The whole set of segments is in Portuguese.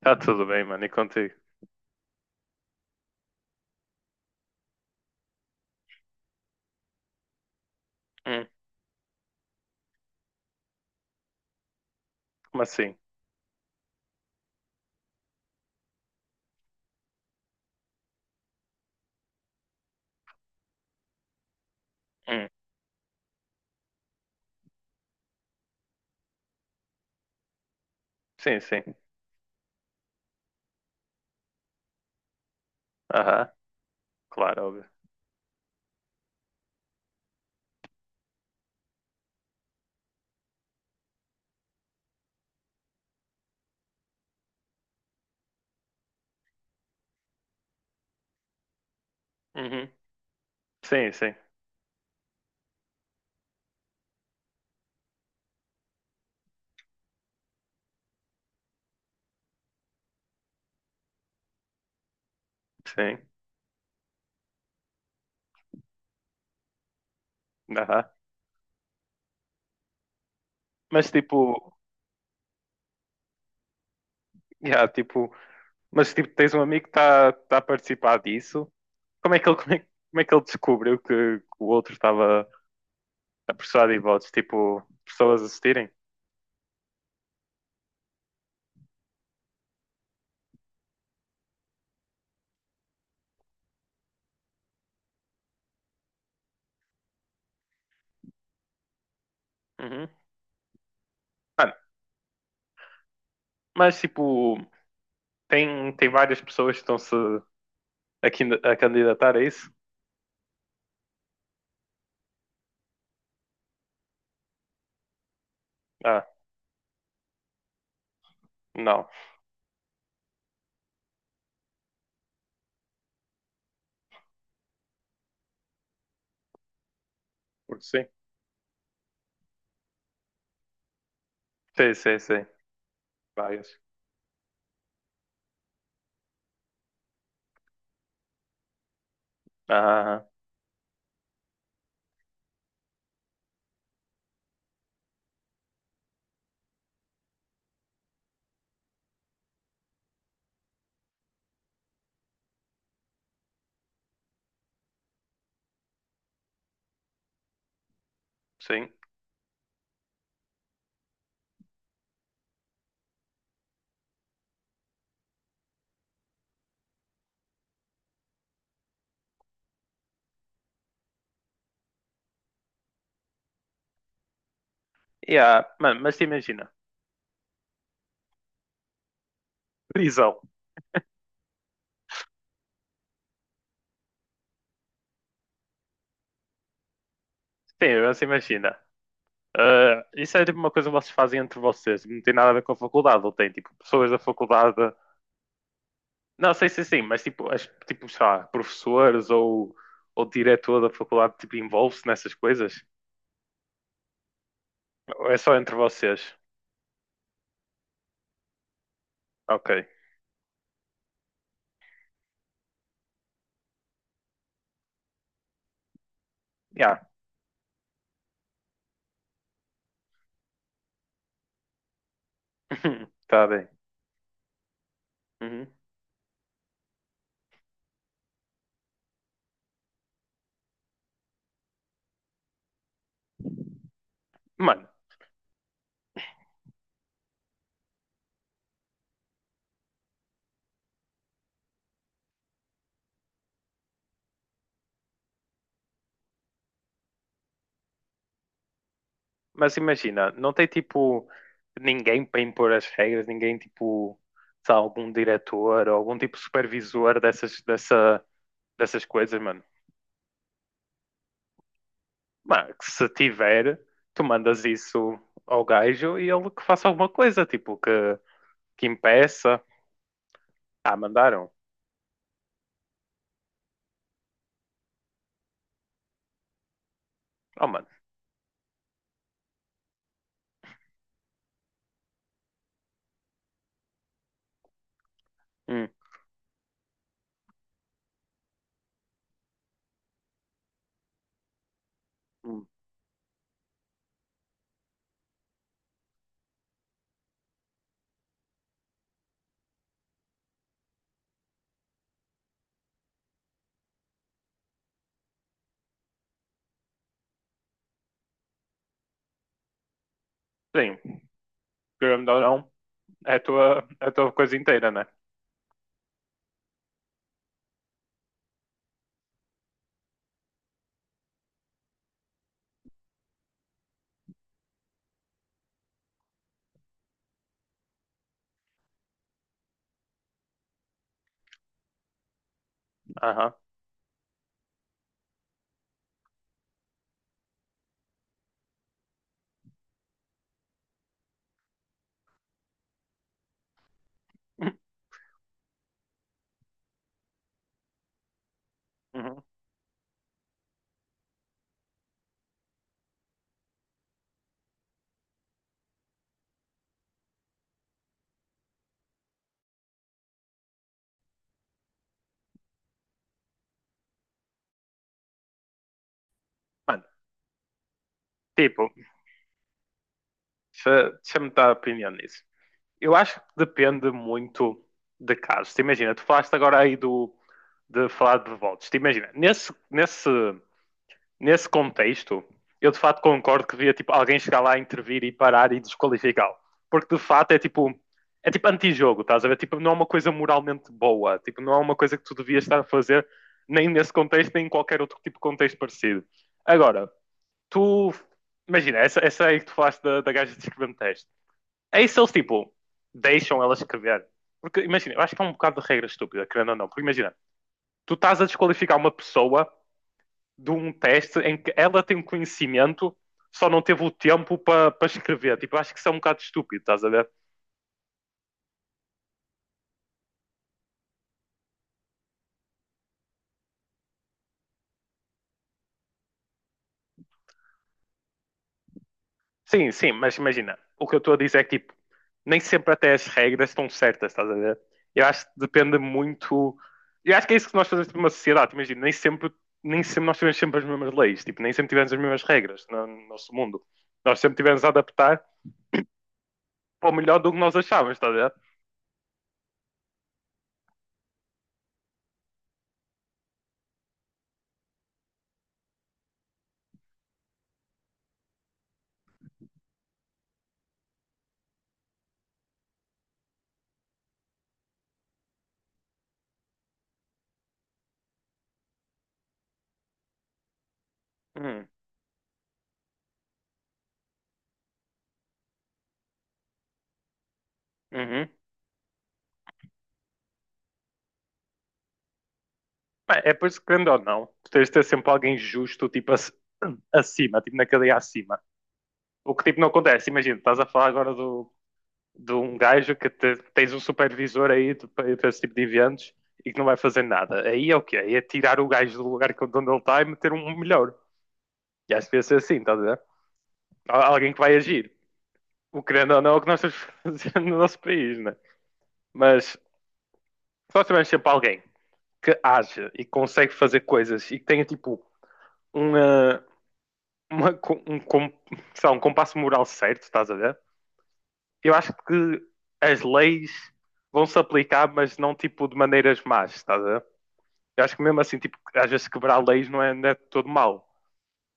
Tá tudo bem, mano, e contigo? Hum. Como assim? Hum. Sim, sim. Aham, claro, óbvio. Uhum. Sim, sim, sim. Aham. Mas tipo, yeah, tipo, mas tipo, tens um amigo que está a participar disso. Como é que ele, como é que ele descobriu que o outro estava a prestar de votos? Tipo, pessoas assistirem? Uhum. Mano, mas tipo, tem várias pessoas que estão-se a candidatar a isso? Ah, não. Porque sim. Sim, sim, sim. Várias. Ah. Sim. Yeah, mano, mas imagina, prisão. Sim, mas imagina. Ah, isso é tipo uma coisa que vocês fazem entre vocês, não tem nada a ver com a faculdade, ou tem tipo pessoas da faculdade. Não, sei se sim, mas tipo, as, tipo, sei lá, professores ou diretor da faculdade tipo, envolve-se nessas coisas? Ou é só entre vocês? Ok. Yeah. Tá bem. Uhum. Mano, mas imagina, não tem tipo ninguém para impor as regras, ninguém tipo, sei lá, algum diretor ou algum tipo de supervisor dessas coisas, mano. Mano, que se tiver, tu mandas isso ao gajo e ele que faça alguma coisa, tipo, que impeça. Ah, mandaram. Oh, mano. Hum, hum. Sim, querendo ou não, é a tua coisa inteira, né? Aham. Uhum. Mano, tipo, deixa-me dar a opinião nisso. Eu acho que depende muito de casos. Te imagina, tu falaste agora aí do de falar de votos. Te imagina, nesse contexto, eu de fato concordo que devia tipo, alguém chegar lá, intervir e parar e desqualificá-lo. Porque de fato é tipo antijogo, estás a ver? Tipo, não é uma coisa moralmente boa, tipo, não é uma coisa que tu devias estar a fazer nem nesse contexto, nem em qualquer outro tipo de contexto parecido. Agora, tu imagina, essa aí que tu falaste da gaja de escrever é isso eles, tipo, deixam ela escrever. Porque, imagina, eu acho que é um bocado de regra estúpida, querendo ou não. Porque, imagina, tu estás a desqualificar uma pessoa de um teste em que ela tem um conhecimento, só não teve o tempo para pa escrever. Tipo, eu acho que isso é um bocado estúpido, estás a ver? Sim, sim, mas imagina, o que eu estou a dizer é que tipo, nem sempre até as regras estão certas, estás a ver? Eu acho que depende muito. Eu acho que é isso que nós fazemos numa sociedade, imagina, nem sempre nós tivemos sempre as mesmas leis, tipo, nem sempre tivemos as mesmas regras no nosso mundo. Nós sempre tivemos a adaptar para o melhor do que nós achávamos, estás a ver? Hum, uhum. Bem, é por isso que, querendo ou não, tu tens de ter sempre alguém justo, tipo, acima, tipo, na cadeia acima. O que, tipo, não acontece, imagina, estás a falar agora do de um gajo tens um supervisor aí para esse tipo de eventos e que não vai fazer nada. Aí é o quê? Aí é tirar o gajo do lugar de onde ele está e meter um melhor. E acho que devia ser assim, estás a ver? Alguém que vai agir. O querendo ou não é o que nós estamos fazendo no nosso país, né? Mas se nós tivermos sempre alguém que age e consegue fazer coisas e que tenha tipo uma, um, sei lá, um compasso moral certo, estás a ver? Eu acho que as leis vão se aplicar, mas não tipo de maneiras más, estás a ver? Eu acho que mesmo assim, tipo, às vezes quebrar leis não é todo mal.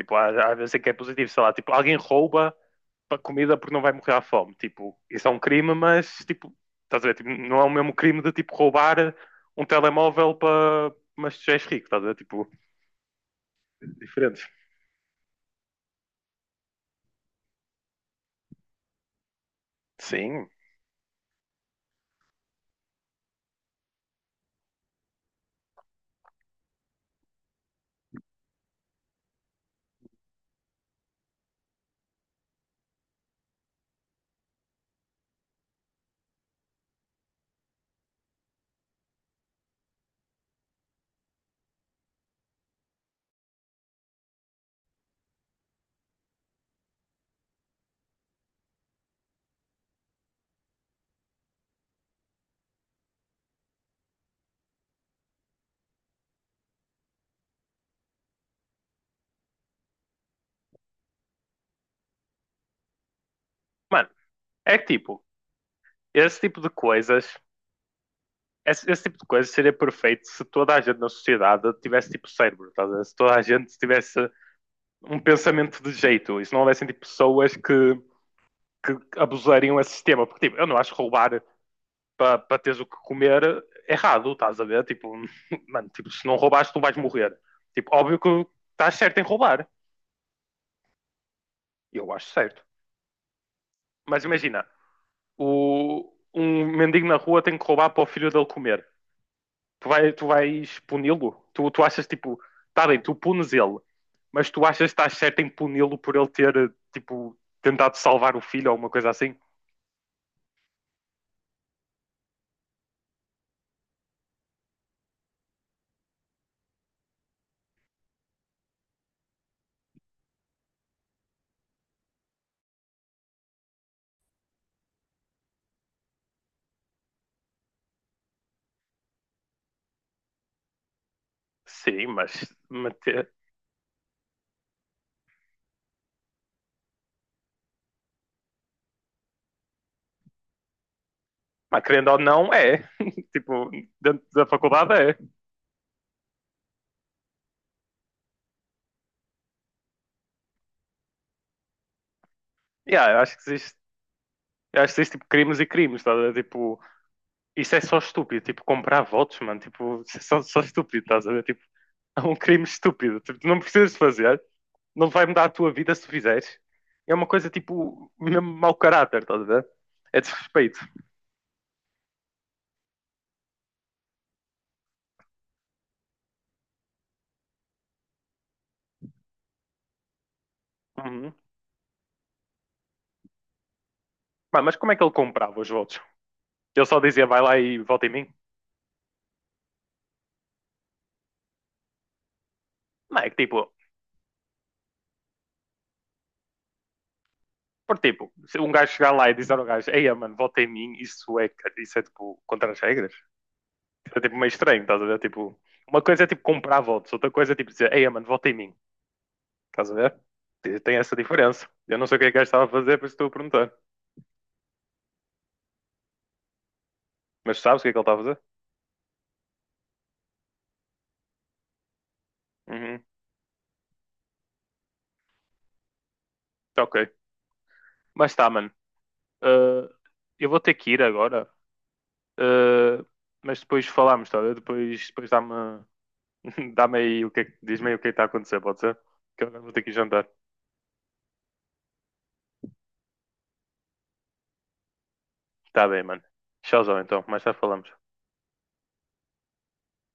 Tipo, às, vezes é que é positivo, sei lá, tipo, alguém rouba comida porque não vai morrer à fome. Tipo, isso é um crime, mas, tipo, estás a ver? Tipo, não é o mesmo crime de, tipo, roubar um telemóvel para... Mas tu já és rico, estás a ver? Tipo, diferentes. Sim. Mano, é que, tipo, esse tipo de coisas... Esse tipo de coisas seria perfeito se toda a gente na sociedade tivesse, tipo, cérebro, estás a ver? Se toda a gente tivesse um pensamento de jeito. E se não houvessem, tipo, pessoas que abusariam esse sistema, porque tipo, eu não acho roubar para pa teres o que comer errado, estás a ver? Tipo, mano, tipo, se não roubares tu vais morrer. Tipo, óbvio que estás certo em roubar. Eu acho certo. Mas imagina, um mendigo na rua tem que roubar para o filho dele comer. Tu vais puni-lo? Tu achas tipo, tá bem, tu punes ele, mas tu achas que estás certo em puni-lo por ele ter tipo tentado salvar o filho ou alguma coisa assim? Sim, mas querendo ou não, é. Tipo, dentro da faculdade é. Yeah, eu acho que existe tipo, crimes e crimes, estás a ver? Tipo, isso é só estúpido. Tipo, comprar votos, mano. Tipo, isso é só estúpido, estás a ver? Tipo, é um crime estúpido. Tipo, tu não precisas fazer, não vai mudar a tua vida se tu fizeres. É uma coisa tipo, mesmo mau caráter, estás a ver? É desrespeito. Uhum. Pá, mas como é que ele comprava os votos? Ele só dizia, vai lá e vota em mim? Não, é que tipo, por tipo, se um gajo chegar lá e dizer ao gajo, ei, mano, vota em mim, isso é tipo, contra as regras. É tipo meio estranho, estás a ver? Tipo, uma coisa é tipo comprar votos, outra coisa é tipo dizer, ei, mano, vota em mim, estás a ver? Tem essa diferença. Eu não sei o que é que o gajo estava a fazer, por isso estou a perguntar. Mas sabes o que é que ele estava a fazer? Uhum, tá ok. Mas tá, mano. Uh, eu vou ter que ir agora. Uh, mas depois falamos, tá? Bem? Depois dá-me dá-me aí o que é que- diz-me aí o que é que está a acontecer, pode ser? Que eu agora vou ter que ir jantar. Tá bem, mano. Tchauzão, então. Mais tarde falamos.